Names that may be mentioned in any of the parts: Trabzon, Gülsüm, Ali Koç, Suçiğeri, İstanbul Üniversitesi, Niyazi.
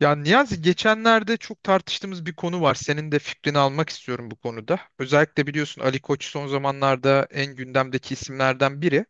Ya Niyazi geçenlerde çok tartıştığımız bir konu var. Senin de fikrini almak istiyorum bu konuda. Özellikle biliyorsun Ali Koç son zamanlarda en gündemdeki isimlerden biri.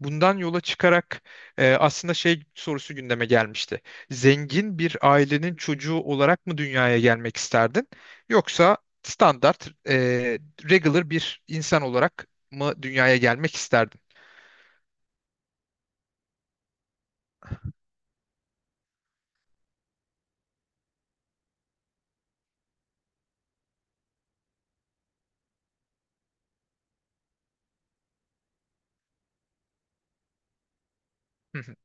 Bundan yola çıkarak aslında şey sorusu gündeme gelmişti. Zengin bir ailenin çocuğu olarak mı dünyaya gelmek isterdin? Yoksa standart, regular bir insan olarak mı dünyaya gelmek isterdin? Hı.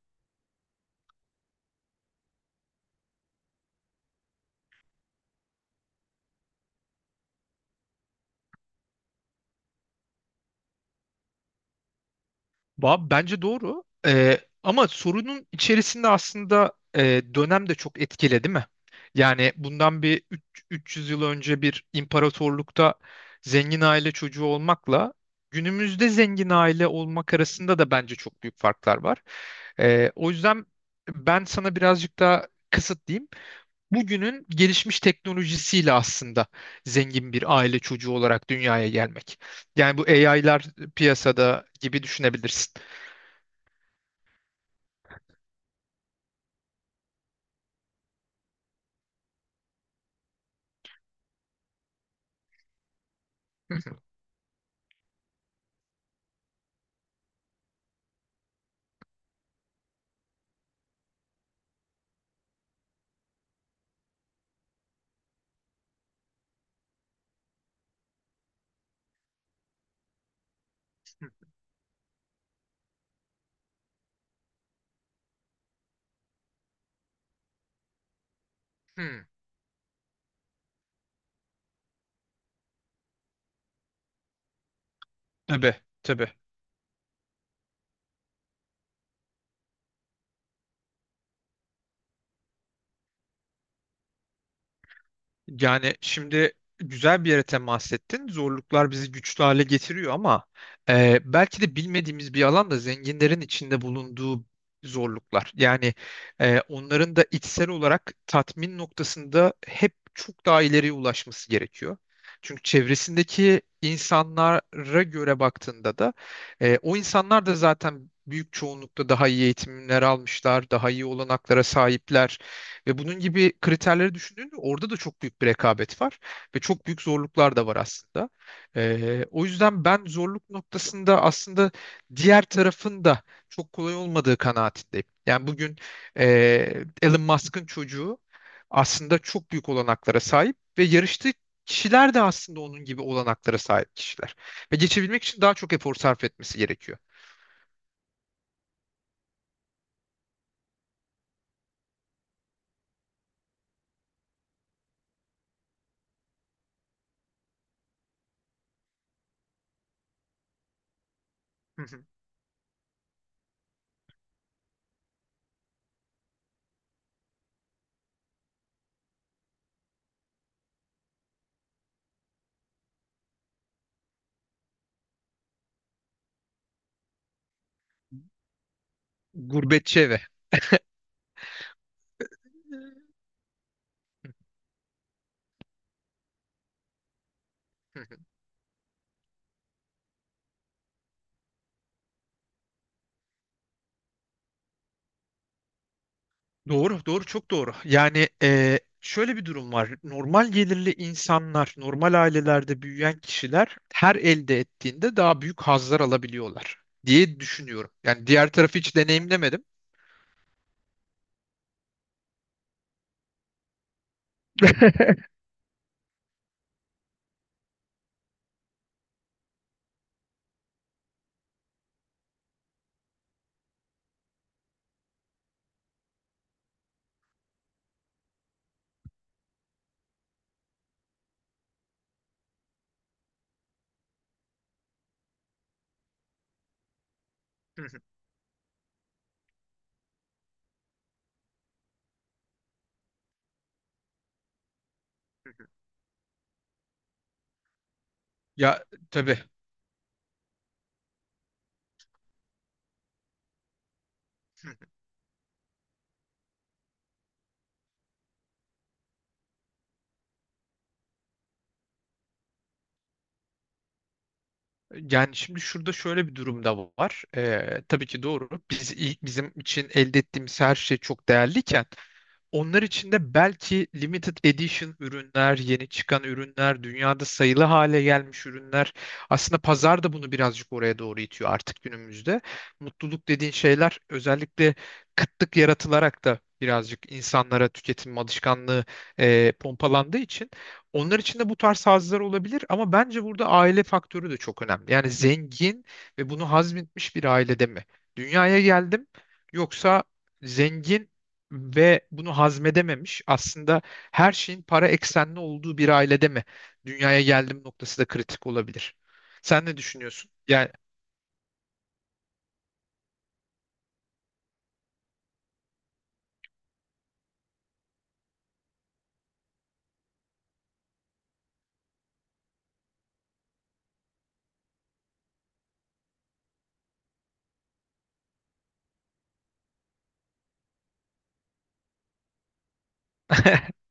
Bence doğru. Ama sorunun içerisinde aslında dönem de çok etkili, değil mi? Yani bundan bir 300 yıl önce bir imparatorlukta zengin aile çocuğu olmakla günümüzde zengin aile olmak arasında da bence çok büyük farklar var. O yüzden ben sana birazcık daha kısıtlayayım. Bugünün gelişmiş teknolojisiyle aslında zengin bir aile çocuğu olarak dünyaya gelmek. Yani bu AI'lar piyasada gibi düşünebilirsin. Hı. Tabii, tabii. Yani şimdi güzel bir yere temas ettin. Zorluklar bizi güçlü hale getiriyor ama belki de bilmediğimiz bir alan da zenginlerin içinde bulunduğu zorluklar. Yani onların da içsel olarak tatmin noktasında hep çok daha ileriye ulaşması gerekiyor. Çünkü çevresindeki insanlara göre baktığında da o insanlar da zaten büyük çoğunlukla daha iyi eğitimler almışlar, daha iyi olanaklara sahipler. Ve bunun gibi kriterleri düşündüğünde orada da çok büyük bir rekabet var ve çok büyük zorluklar da var aslında. O yüzden ben zorluk noktasında aslında diğer tarafın da çok kolay olmadığı kanaatindeyim. Yani bugün Elon Musk'ın çocuğu aslında çok büyük olanaklara sahip ve yarıştığı kişiler de aslında onun gibi olanaklara sahip kişiler. Ve geçebilmek için daha çok efor sarf etmesi gerekiyor. Hı hı. Gurbetçi evi. Hı. Doğru, doğru, çok doğru. Yani şöyle bir durum var. Normal gelirli insanlar, normal ailelerde büyüyen kişiler her elde ettiğinde daha büyük hazlar alabiliyorlar diye düşünüyorum. Yani diğer tarafı hiç deneyimlemedim. Hı hı, hı hı. Ya tabii. Hı hı. Yani şimdi şurada şöyle bir durum da var. Tabii ki doğru. Biz ilk bizim için elde ettiğimiz her şey çok değerliyken onlar için de belki limited edition ürünler, yeni çıkan ürünler, dünyada sayılı hale gelmiş ürünler. Aslında pazar da bunu birazcık oraya doğru itiyor artık günümüzde. Mutluluk dediğin şeyler özellikle kıtlık yaratılarak da birazcık insanlara tüketim alışkanlığı pompalandığı için onlar için de bu tarz hazlar olabilir ama bence burada aile faktörü de çok önemli. Yani zengin ve bunu hazmetmiş bir ailede mi dünyaya geldim, yoksa zengin ve bunu hazmedememiş, aslında her şeyin para eksenli olduğu bir ailede mi dünyaya geldim noktası da kritik olabilir. Sen ne düşünüyorsun? Yani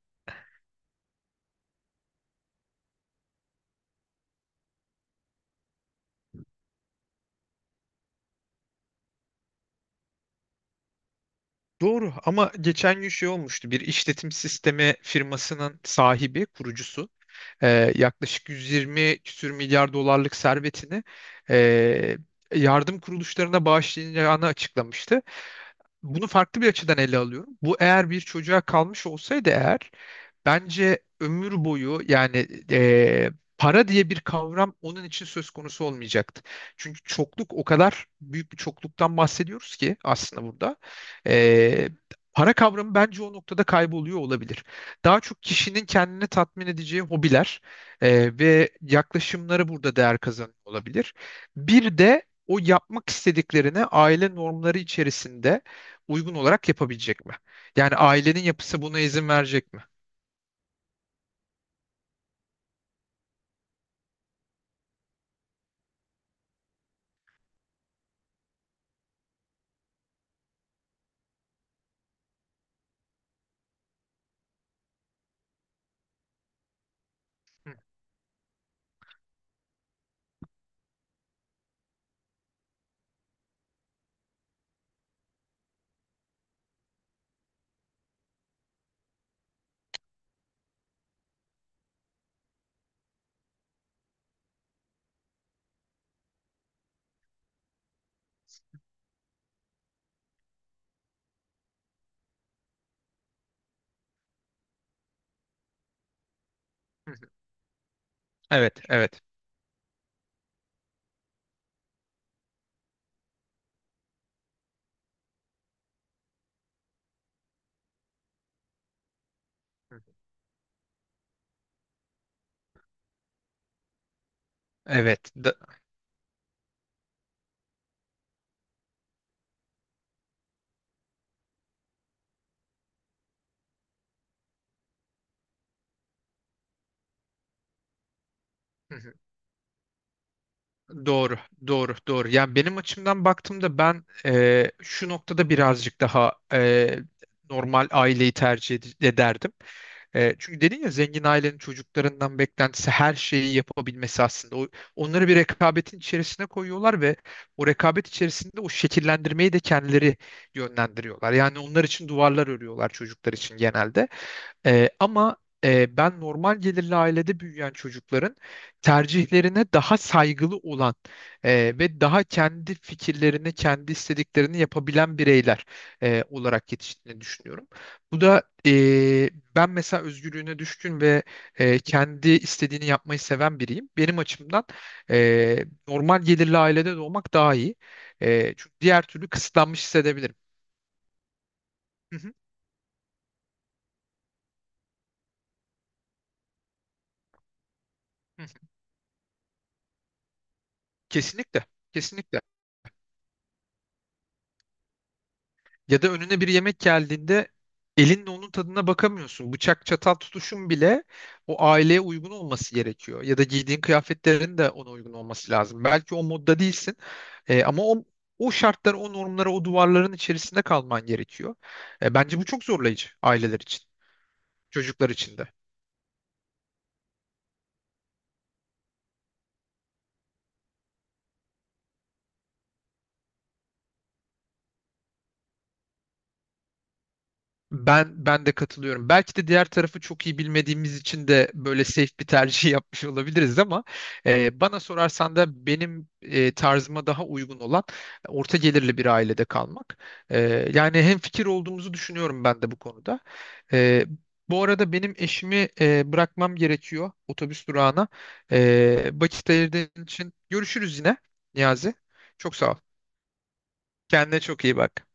doğru ama geçen gün şey olmuştu. Bir işletim sistemi firmasının sahibi, kurucusu yaklaşık 120 küsür milyar dolarlık servetini e, yardım kuruluşlarına bağışlayacağını açıklamıştı. Bunu farklı bir açıdan ele alıyorum. Bu eğer bir çocuğa kalmış olsaydı eğer bence ömür boyu yani eee, para diye bir kavram onun için söz konusu olmayacaktı. Çünkü çokluk o kadar büyük bir çokluktan bahsediyoruz ki aslında burada. Eee, Para kavramı bence o noktada kayboluyor olabilir. Daha çok kişinin kendini tatmin edeceği hobiler ve yaklaşımları burada değer kazanıyor olabilir. Bir de o yapmak istediklerine aile normları içerisinde uygun olarak yapabilecek mi? Yani ailenin yapısı buna izin verecek mi? Hı, hı, hı. Evet, evet. Evet. Da- Hı. Doğru, doğru, doğru. Yani benim açımdan baktığımda ben şu noktada birazcık daha normal aileyi tercih ederdim. Çünkü dedin ya zengin ailenin çocuklarından beklentisi her şeyi yapabilmesi aslında. O, onları bir rekabetin içerisine koyuyorlar ve o rekabet içerisinde o şekillendirmeyi de kendileri yönlendiriyorlar. Yani onlar için duvarlar örüyorlar çocuklar için genelde. Ama ben normal gelirli ailede büyüyen çocukların tercihlerine daha saygılı olan ve daha kendi fikirlerini, kendi istediklerini yapabilen bireyler olarak yetiştiğini düşünüyorum. Bu da ben mesela özgürlüğüne düşkün ve kendi istediğini yapmayı seven biriyim. Benim açımdan normal gelirli ailede doğmak daha iyi. Çünkü diğer türlü kısıtlanmış hissedebilirim. Hı hı, hı hı. Kesinlikle, kesinlikle. Ya da önüne bir yemek geldiğinde elinle onun tadına bakamıyorsun. Bıçak çatal tutuşun bile o aileye uygun olması gerekiyor. Ya da giydiğin kıyafetlerin de ona uygun olması lazım. Belki o modda değilsin ama o şartlara, o normlara, o duvarların içerisinde kalman gerekiyor. Bence bu çok zorlayıcı aileler için, çocuklar için de. Ben de katılıyorum. Belki de diğer tarafı çok iyi bilmediğimiz için de böyle safe bir tercih yapmış olabiliriz ama bana sorarsan da benim tarzıma daha uygun olan orta gelirli bir ailede kalmak. E, Yani hemfikir olduğumuzu düşünüyorum ben de bu konuda. E, Bu arada benim eşimi bırakmam gerekiyor otobüs durağına. Vakit ayırdığın için görüşürüz yine Niyazi. Çok sağ ol. Kendine çok iyi bak.